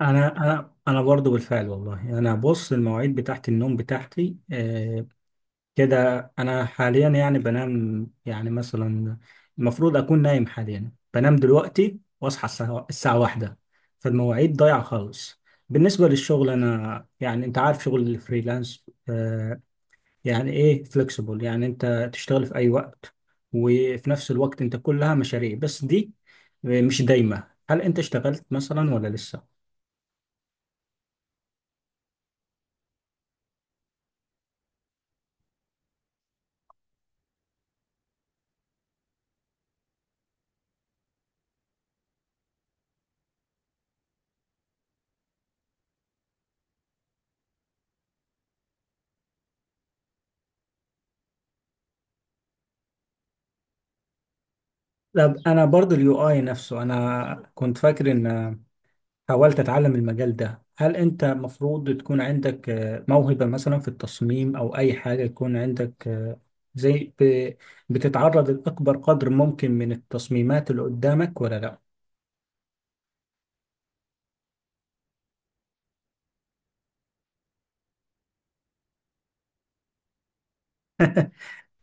انا برضو بالفعل والله انا، بص، المواعيد بتاعت النوم بتاعتي كده. انا حاليا يعني بنام، يعني مثلا المفروض اكون نايم، حاليا بنام دلوقتي واصحى الساعه واحدة. فالمواعيد ضايعه خالص. بالنسبه للشغل انا يعني انت عارف شغل الفريلانس، يعني ايه فليكسيبل، يعني انت تشتغل في اي وقت، وفي نفس الوقت انت كلها مشاريع، بس دي مش دايمه. هل انت اشتغلت مثلا ولا لسه؟ طب انا برضو اليو اي نفسه، انا كنت فاكر ان، حاولت اتعلم المجال ده، هل انت مفروض تكون عندك موهبة مثلا في التصميم، او اي حاجة يكون عندك، زي ب- بتتعرض لاكبر قدر ممكن من التصميمات اللي قدامك ولا لا؟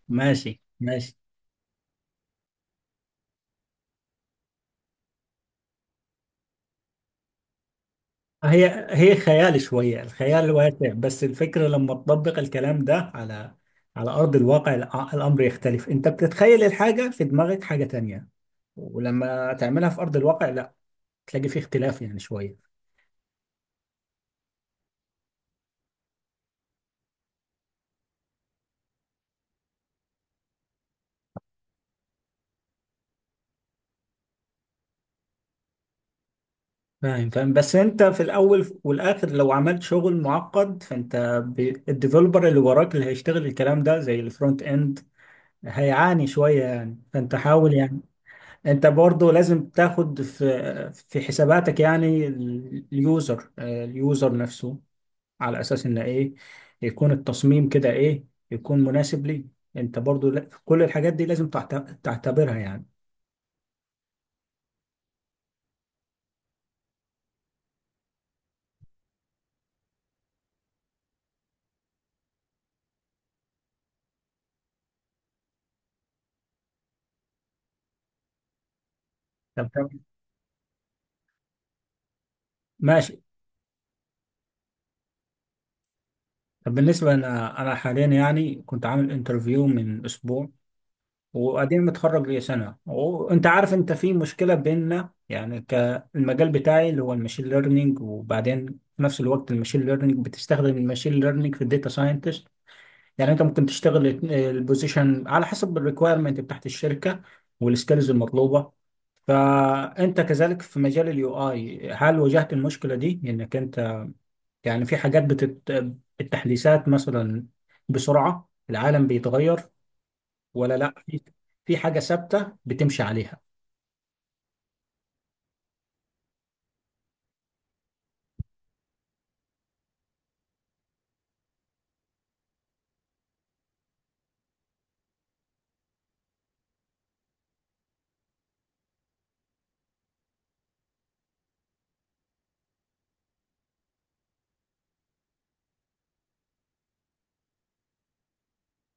ماشي ماشي. هي خيال شوية، الخيال واسع، بس الفكرة لما تطبق الكلام ده على أرض الواقع، الأمر يختلف. أنت بتتخيل الحاجة في دماغك حاجة تانية، ولما تعملها في أرض الواقع لا، تلاقي فيه اختلاف يعني شوية. فاهم فاهم، بس أنت في الأول والآخر لو عملت شغل معقد فأنت، الديفلوبر اللي وراك اللي هيشتغل الكلام ده زي الفرونت إند هيعاني شوية يعني، فأنت حاول يعني. انت برضو لازم تاخد في حساباتك يعني اليوزر، اليوزر نفسه، على اساس ان ايه يكون التصميم كده، ايه يكون مناسب ليه. انت برضو كل الحاجات دي لازم تعتبرها يعني. طب ماشي. طب بالنسبة، انا حاليا يعني كنت عامل انترفيو من اسبوع، وبعدين متخرج لي سنة. وانت عارف انت في مشكلة بيننا يعني، كالمجال بتاعي اللي هو الماشين ليرنينج، وبعدين في نفس الوقت الماشين ليرنينج بتستخدم الماشين ليرنينج في الداتا ساينتست. يعني انت ممكن تشتغل البوزيشن على حسب الريكويرمنت بتاعت الشركة والسكيلز المطلوبة. فانت كذلك في مجال اليو اي، هل واجهت المشكلة دي، انك انت يعني في حاجات التحديثات مثلا، بسرعة العالم بيتغير، ولا لا، في في حاجة ثابتة بتمشي عليها؟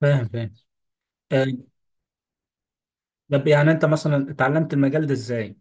فاهم فاهم. آه، طب يعني انت مثلا اتعلمت المجال ده ازاي؟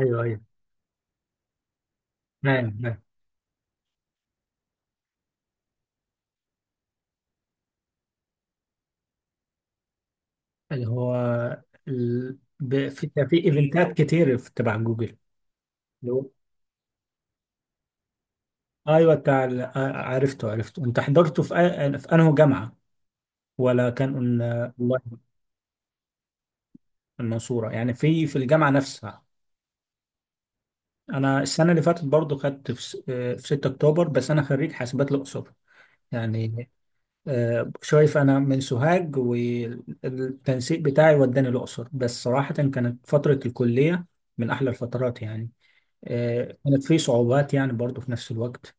ايوه ايوه، فاهم فاهم. اللي هو في في ايفنتات كتير في تبع جوجل. اللي هو- ايوه، بتاع عرفته عرفته، انت حضرته في في انهي جامعة؟ ولا كان والله، المنصورة يعني، في في الجامعة نفسها. انا السنة اللي فاتت برضو خدت في 6 اكتوبر، بس انا خريج حاسبات الاقصر يعني. شايف، انا من سوهاج والتنسيق بتاعي وداني الاقصر، بس صراحه كانت فتره الكليه من احلى الفترات يعني. كانت في صعوبات يعني برضو في نفس الوقت.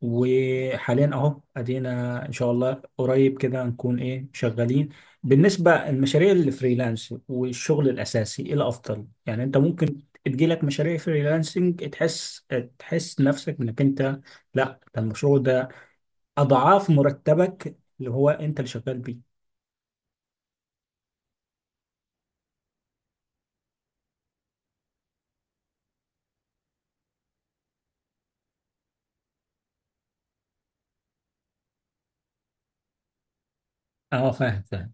وحاليا اهو ادينا ان شاء الله قريب كده نكون ايه شغالين. بالنسبه المشاريع الفريلانس والشغل الاساسي ايه الافضل؟ يعني انت ممكن تجيلك مشاريع فريلانسنج، تحس نفسك انك انت، لا ده المشروع ده اضعاف مرتبك اللي هو انت اللي شغال بيه. اه فاهم فاهم.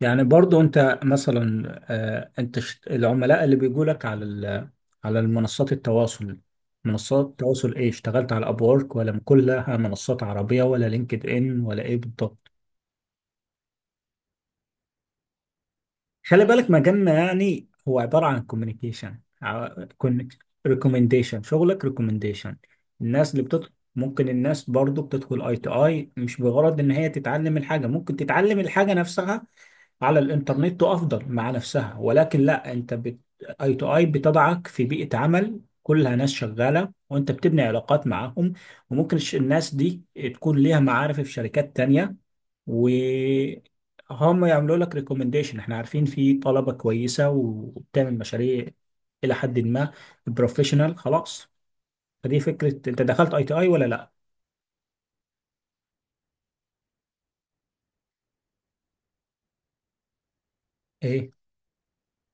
يعني برضو انت مثلا، انت العملاء اللي بيجوا لك على على المنصات التواصل منصات التواصل، ايه اشتغلت على ابورك، ولا كلها منصات عربية، ولا لينكد ان، ولا ايه بالضبط؟ خلي بالك مجالنا يعني هو عبارة عن كوميونيكيشن، ريكومنديشن، شغلك ريكومنديشن. الناس اللي بتدخل، ممكن الناس برضو بتدخل اي تو اي مش بغرض ان هي تتعلم الحاجة، ممكن تتعلم الحاجة نفسها على الانترنت وافضل مع نفسها، ولكن لا، انت اي تو اي بتضعك في بيئة عمل كلها ناس شغالة، وانت بتبني علاقات معاهم. وممكن الناس دي تكون ليها معارف في شركات تانية، وهم يعملوا لك ريكومنديشن، احنا عارفين في طلبة كويسة وبتعمل مشاريع إلى حد ما بروفيشنال خلاص. فدي فكرة. أنت دخلت أي تي أي ولا لأ؟ إيه؟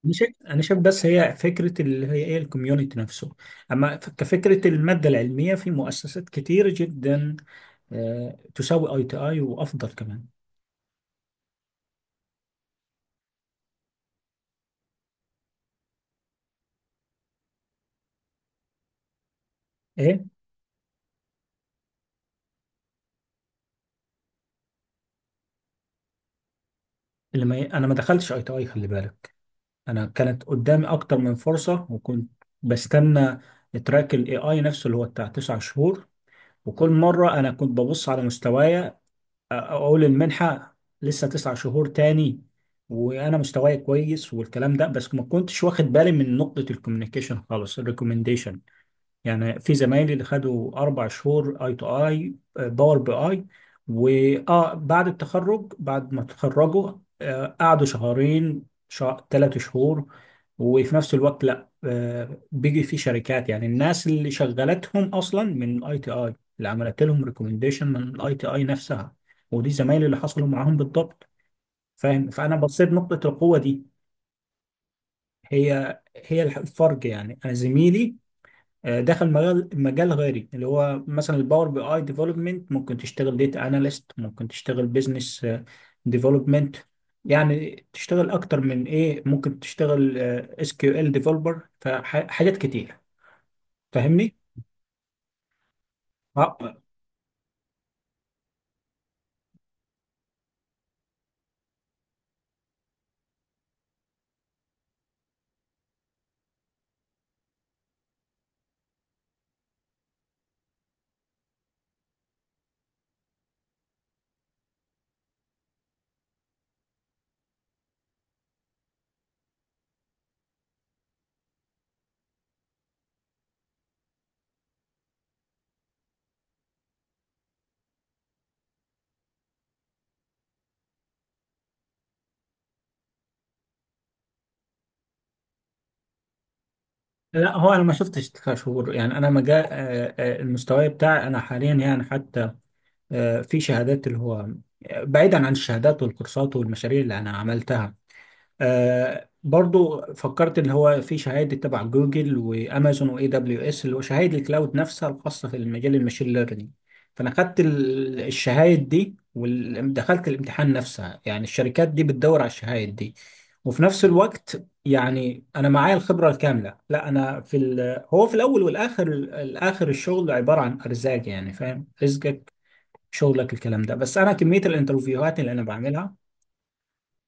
أنا شايف، أنا شايف بس هي فكرة اللي هي إيه، الكوميونتي نفسه، أما كفكرة المادة العلمية في مؤسسات كتير جدا، تساوي أي تي أي وأفضل كمان. إيه؟ اللي ما ي- أنا ما دخلتش أي تي أي خلي بالك. انا كانت قدامي اكتر من فرصه، وكنت بستنى تراك الاي اي نفسه اللي هو بتاع تسع شهور. وكل مره انا كنت ببص على مستوايا، اقول المنحه لسه تسع شهور تاني، وانا مستواي كويس والكلام ده. بس ما كنتش واخد بالي من نقطه الكوميونيكيشن خالص، الريكومنديشن. يعني في زمايلي اللي خدوا اربع شهور اي تو اي باور بي اي، واه بعد التخرج، بعد ما تخرجوا قعدوا شهرين، شهر، ثلاث شهور. وفي نفس الوقت لا، بيجي في شركات يعني الناس اللي شغلتهم اصلا من الاي تي اي، اللي عملت لهم ريكومنديشن من الاي تي اي نفسها. ودي زمايلي اللي حصلوا معاهم بالضبط. فاهم، فانا بصيت نقطة القوة دي. هي الفرق يعني. انا زميلي دخل مجال غيري، اللي هو مثلا الباور بي اي ديفلوبمنت، ممكن تشتغل ديتا اناليست، ممكن تشتغل بزنس ديفلوبمنت، يعني تشتغل اكتر من ايه، ممكن تشتغل اس كيو ال ديفلوبر، فحاجات كتير. فاهمني. آه، لا هو انا ما شفتش كشهور يعني. انا مجال، المستوى بتاعي انا حاليا يعني حتى، في شهادات اللي هو، بعيدا عن الشهادات والكورسات والمشاريع اللي انا عملتها، آه برضو فكرت اللي هو في شهادة تبع جوجل وامازون واي دبليو اس، اللي هو شهادة الكلاود نفسها الخاصة في المجال الماشين ليرنينج. فانا خدت الشهادة دي ودخلت الامتحان نفسها، يعني الشركات دي بتدور على الشهادة دي. وفي نفس الوقت يعني انا معايا الخبرة الكاملة. لا انا في هو في الاول والاخر، الشغل عبارة عن ارزاق يعني، فاهم، رزقك شغلك الكلام ده. بس انا كمية الانترفيوهات اللي انا بعملها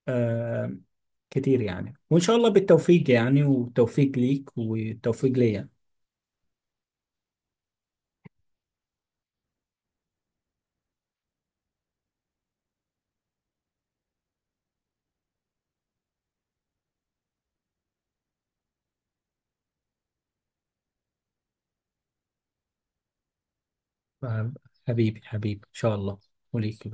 آه، كتير يعني. وإن شاء الله بالتوفيق يعني، والتوفيق ليك والتوفيق ليا. حبيبي حبيبي، إن شاء الله، وليك.